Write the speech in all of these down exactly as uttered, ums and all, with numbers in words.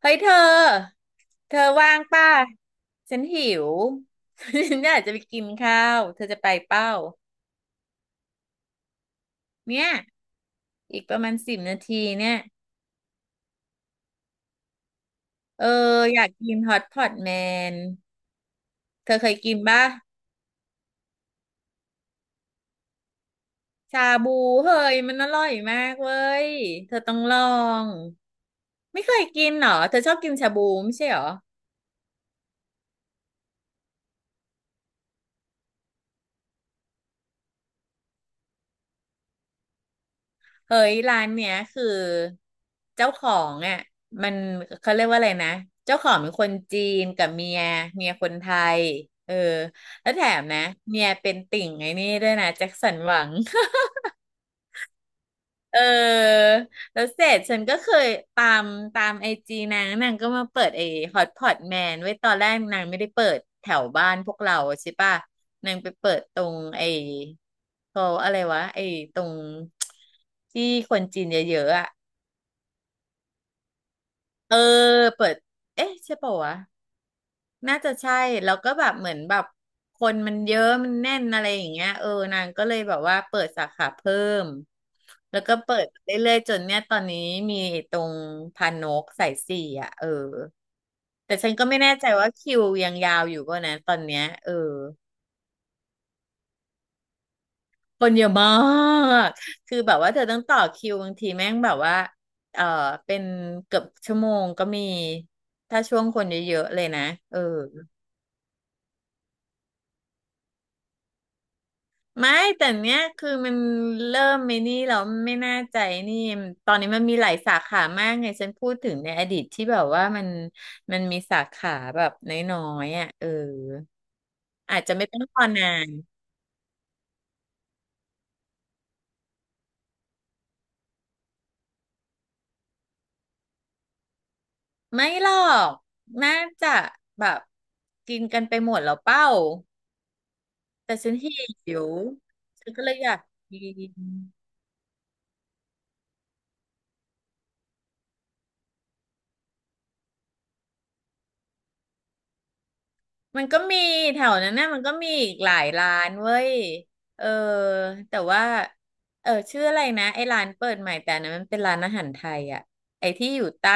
เฮ้ยเธอ เธอว่างป่ะฉันหิว ฉันอยากจะไปกินข้าวเธอจะไปเป้าเนี่ยอีกประมาณสิบนาทีเนี่ยเอออยากกินฮอตพอตแมนเธอเคยกินป่ะชาบูเฮ้ยมันอร่อยมากเว้ยเธอต้องลองไม่เคยกินเหรอเธอชอบกินชาบูไม่ใช่เหรอ เฮ้ยร้านเนี้ยคือเจ้าของอ่ะมันเขาเรียกว่าอะไรนะเจ้าของเป็นคนจีนกับเมียเมียคนไทยเออแล้วแถมนะเมียเป็นติ่งไอ้นี่ด้วยนะแจ็คสันหวัง เออแล้วเสร็จฉันก็เคยตามตามไอจีนางนางก็มาเปิดไอฮอตพอตแมนไว้ตอนแรกนางไม่ได้เปิดแถวบ้านพวกเราใช่ปะนางไปเปิดตรงไอเขาอะไรวะไอตรงที่คนจีนเยอะๆอ่ะ เออเปิดเอ๊ะใช่ปะววะน่าจะใช่แล้วก็แบบเหมือนแบบคนมันเยอะมันแน่นอะไรอย่างเงี้ยเออนางก็เลยแบบว่าเปิดสาขาเพิ่มแล้วก็เปิดเรื่อยๆจนเนี่ยตอนนี้มีตรงพานกสายสี่อ่ะเออแต่ฉันก็ไม่แน่ใจว่าคิวยังยาวอยู่ป่ะนะตอนเนี้ยเออคนเยอะมากคือแบบว่าเธอต้องต่อคิวบางทีแม่งแบบว่าเออเป็นเกือบชั่วโมงก็มีถ้าช่วงคนเยอะๆเลยนะเออ ไม่แต่เนี้ยคือมันเริ่มไม่นี่เราไม่น่าใจนี่ตอนนี้มันมีหลายสาขามากไงฉันพูดถึงในอดีตที่แบบว่ามันมันมีสาขาแบบน้อยๆอ่ะเอออาจจะไม่ต้องรอนานไม่หรอกน่าจะแบบกินกันไปหมดแล้วเป้าแต่ฉันหิวฉันก็เลยอยากกิน มันก็มีแถวนั้นนะมันก็มีอีกหลายร้านเว้ยเออแต่ว่าเออชื่ออะไรนะไอ้ร้านเปิดใหม่แต่อันนั้นมันเป็นร้านอาหารไทยอ่ะไอ้ที่อยู่ใต้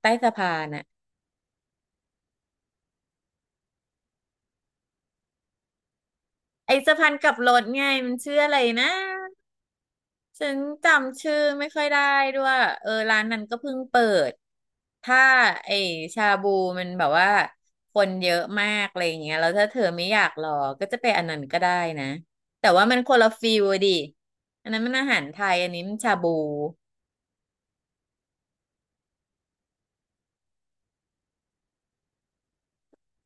ใต้สะพานอ่ะไอ้สะพานกลับรถไงมันชื่ออะไรนะ ฉันจำชื่อไม่ค่อยได้ด้วยเออร้านนั้นก็เพิ่งเปิดถ้าไอชาบูมันแบบว่าคนเยอะมากอะไรอย่างเงี้ยแล้วถ้าเธอไม่อยากรอก็จะไปอันนั้นก็ได้นะแต่ว่ามันคนละฟิลอะดิอันนั้นมันอาหารไทยอันนี้มันชาบู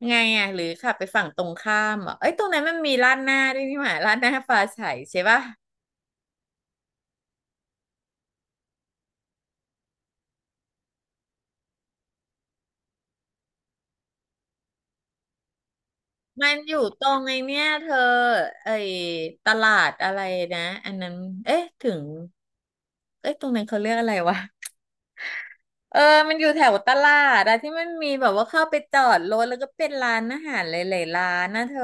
ไงอ่ะหรือขับไปฝั่งตรงข้ามอ่ะเอ้ยตรงนั้นมันมีร้านหน้าด้วยนี่หว่าร้านหน้าฟ้าใสใช่ปะ มันอยู่ตรงไอ้เนี่ยเธอไอ้ตลาดอะไรนะอันนั้นเอ๊ะถึงเอ๊ะตรงนั้นเขาเรียกอะไรวะเออมันอยู่แถวตลาดอะที่มันมีแบบว่าเข้าไปจอดรถแล้วก็เป็นร้านอาหารหลายๆร้านนะเธอ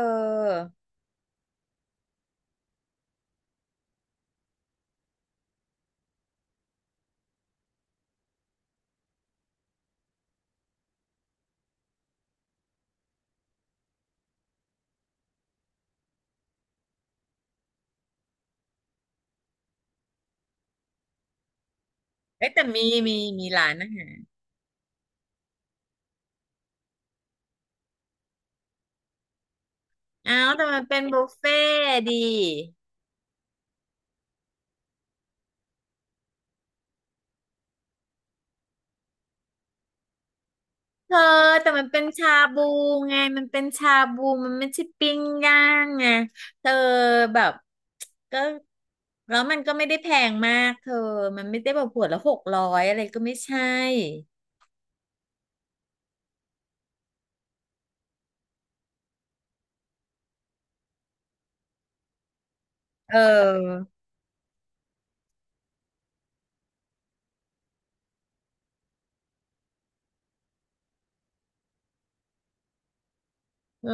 เอ๊ะแต่มีมีมีร้านอาหารอ้าวแต่มันเป็นบุฟเฟ่ต์ดี เธอแต่มันเป็นชาบูไงมันเป็นชาบูมันไม่ใช่ปิ้งย่างไงเธอแบบก็แล้วมันก็ไม่ได้แพงมากเธอมันไม่ได้แบบหัวละหกร้อยอะไรก็ไม่ใช่เออ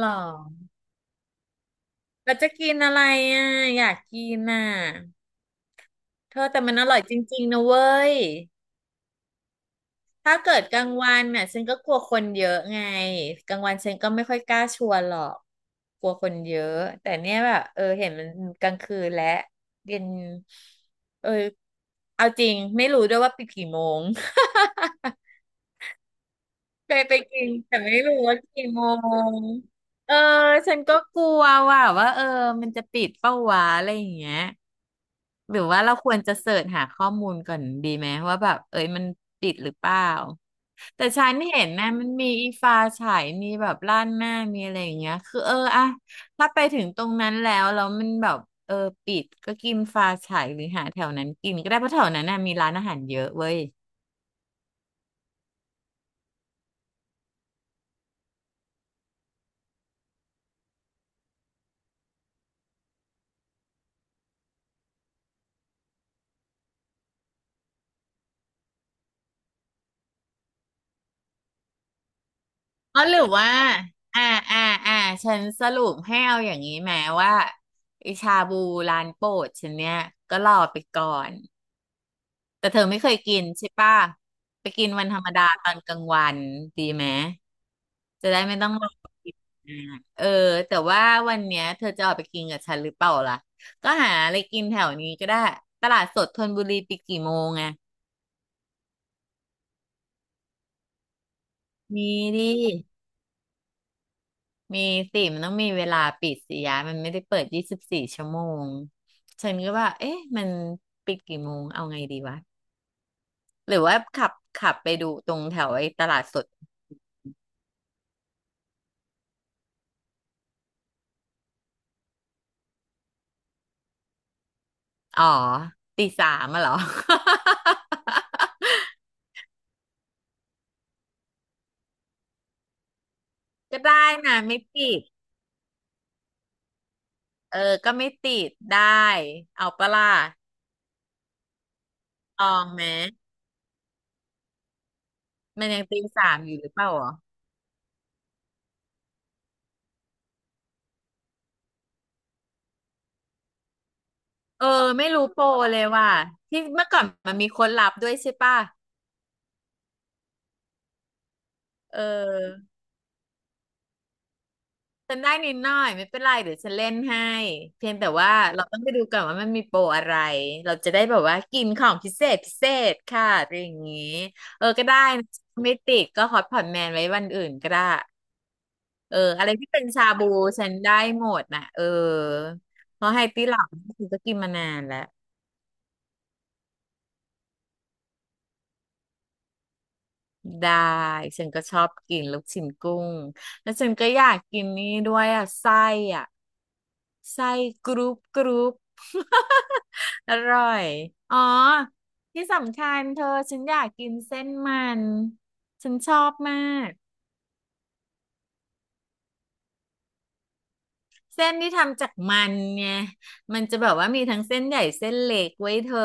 หรอเราจะกินอะไรอ่ะอยากกินอ่ะเธอแต่มันอร่อยจริงๆนะเว้ย ถ้าเกิดกลางวันน่ะฉันก็กลัวคนเยอะไงกลางวันฉันก็ไม่ค่อยกล้าชวนหรอกกลัวคนเยอะแต่เนี้ยแบบเออเห็นมันกลางคืนและเย็นเออเอาจริงไม่รู้ด้วยว่าปิดกี่โมง เคยไปกินแต่ไม่รู้ว่ากี่โมงเออฉันก็กลัวว่าว่าเออมันจะปิดเป้าวะอะไรอย่างเงี้ย หรือว่าเราควรจะเสิร์ชหาข้อมูลก่อนดีไหมว่าแบบเอ้ยมันติดหรือเปล่าแต่ฉันเห็นนะมันมีอีฟ้าฉายมีแบบล้านหน้ามีอะไรอย่างเงี้ยคือเอออะถ้าไปถึงตรงนั้นแล้วแล้วมันแบบเออปิดก็กินฟ้าฉายหรือหาแถวนั้นกินก็ได้เพราะแถวนั้นน่ะมีร้านอาหารเยอะเว้ยอ๋อหรือว่าอ่าอ่าอ่าฉันสรุปให้เอาอย่างนี้แม้ว่าไอชาบูร้านโปรดฉันเนี่ยก็รอไปก่อน แต่เธอไม่เคยกินใช่ป่ะไปกินวันธรรมดาตอนกลางวันดีไหมจะได้ไม่ต้องรอกินนานเออแต่ว่าวันเนี้ยเธอจะออกไปกินกับฉันหรือเปล่าล่ะก็หาอะไรกินแถวนี้ก็ได้ตลาดสดธนบุรีปิดกี่โมงอะมีดิมีสิมันต้องมีเวลาปิดสิยะมันไม่ได้เปิดยี่สิบสี่ชั่วโมง ฉันก็ว่าเอ๊ะมันปิดกี่โมง เอาไงดีวะ หรือว่าขับขับไปดูตรงแถวไอ้ตลาดสด อ๋อตีสามอะเหรอ ก็ได้นะไม่ติดเออก็ไม่ติดได้เอาปะล่ะตองไหมมันยังตีสามอยู่หรือเปล่าอ๋อเออไม่รู้โปรเลยว่ะที่เมื่อก่อนมันมีคนรับด้วยใช่ป่ะเออฉันได้นิดหน่อยไม่เป็นไรเดี๋ยวฉันเล่นให้เพียงแต่ว่าเราต้องไปดูก่อนว่ามันมีโปรอะไรเราจะได้แบบว่ากินของพิเศษพิเศษค่ะอะไรอย่างงี้เออก็ได้นะไม่ติดก็ฮอตพอตแมนไว้วันอื่นก็ได้ เอออะไรที่เป็นชาบูฉันได้หมดน่ะเออเพราะไฮตี้หลังฉันก็กินมานานแล้วได้ฉันก็ชอบกินลูกชิ้นกุ้งแล้วฉันก็อยากกินนี่ด้วยอ่ะไส้อ่ะไส้กรุบกรุบอร่อยอ๋อที่สำคัญเธอฉันอยากกินเส้นมันฉันชอบมาก เส้นที่ทำจากมันไงมันจะแบบว่ามีทั้งเส้นใหญ่เส้นเล็กไว้ยเธอ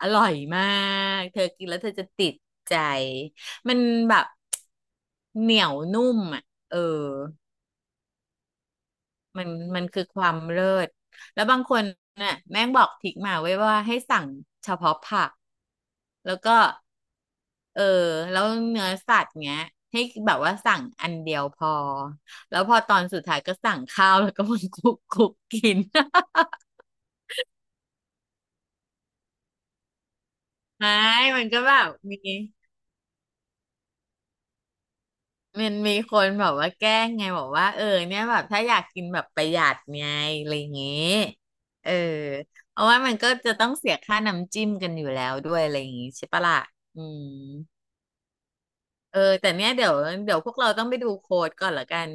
อร่อยมาก เธอกินแล้วเธอจะติดใจ มันแบบเหนียวนุ่มอ่ะ เออ มันมันคือความเลิศ แล้วบางคนน่ะแม่งบอกทริกมาไว้ว่าให้สั่งเฉพาะผักแล้วก็เออแล้วเนื้อสัตว์เงี้ยให้แบบว่าสั่งอันเดียวพอแล้วพอตอนสุดท้ายก็สั่งข้าวแล้วก็มัน คลุกคลุกกิน ไม่มันก็แบบมี มันมีคนแบบว่าแกล้งไงบอกว่าเออเนี่ยแบบถ้าอยากกินแบบประหยัดไงอะไรอย่างเงี้ยเออเพราะว่ามันก็จะต้องเสียค่าน้ำจิ้มกันอยู่แล้วด้วยอะไรอย่างงี้ใช่ปะล่ะอืมเออแต่เนี้ยเดี๋ยวเดี๋ยวพวกเราต้องไปดูโค้ดก่อนละกัน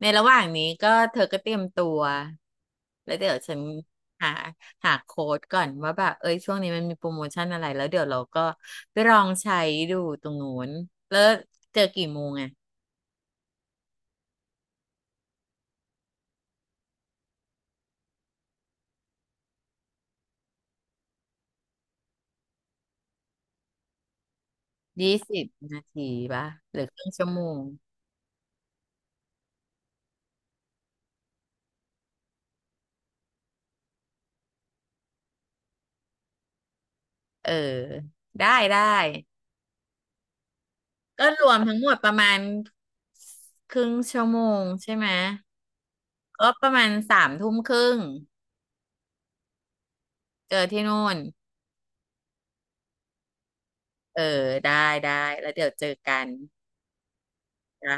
ในระหว่างนี้ก็เธอก็เตรียมตัวแล้วเดี๋ยวฉันหาหาโค้ดก่อนว่าแบบเอ้ยช่วงนี้มันมีโปรโมชั่นอะไรแล้วเดี๋ยวเราก็ไปลองใช้ดูตรงนู้นแล้วเจอกี่โมงไง ยี่สิบนาทีป่ะหรือครึ่งชั่วโมงเออได้ได้ก็รวมทั้งหมดประมาณครึ่งชั่วโมงใช่ไหมก็ประมาณสามทุ่มครึ่งเจอที่นู่นเออได้ได้แล้วเดี๋ยวเจอกันจ้ะ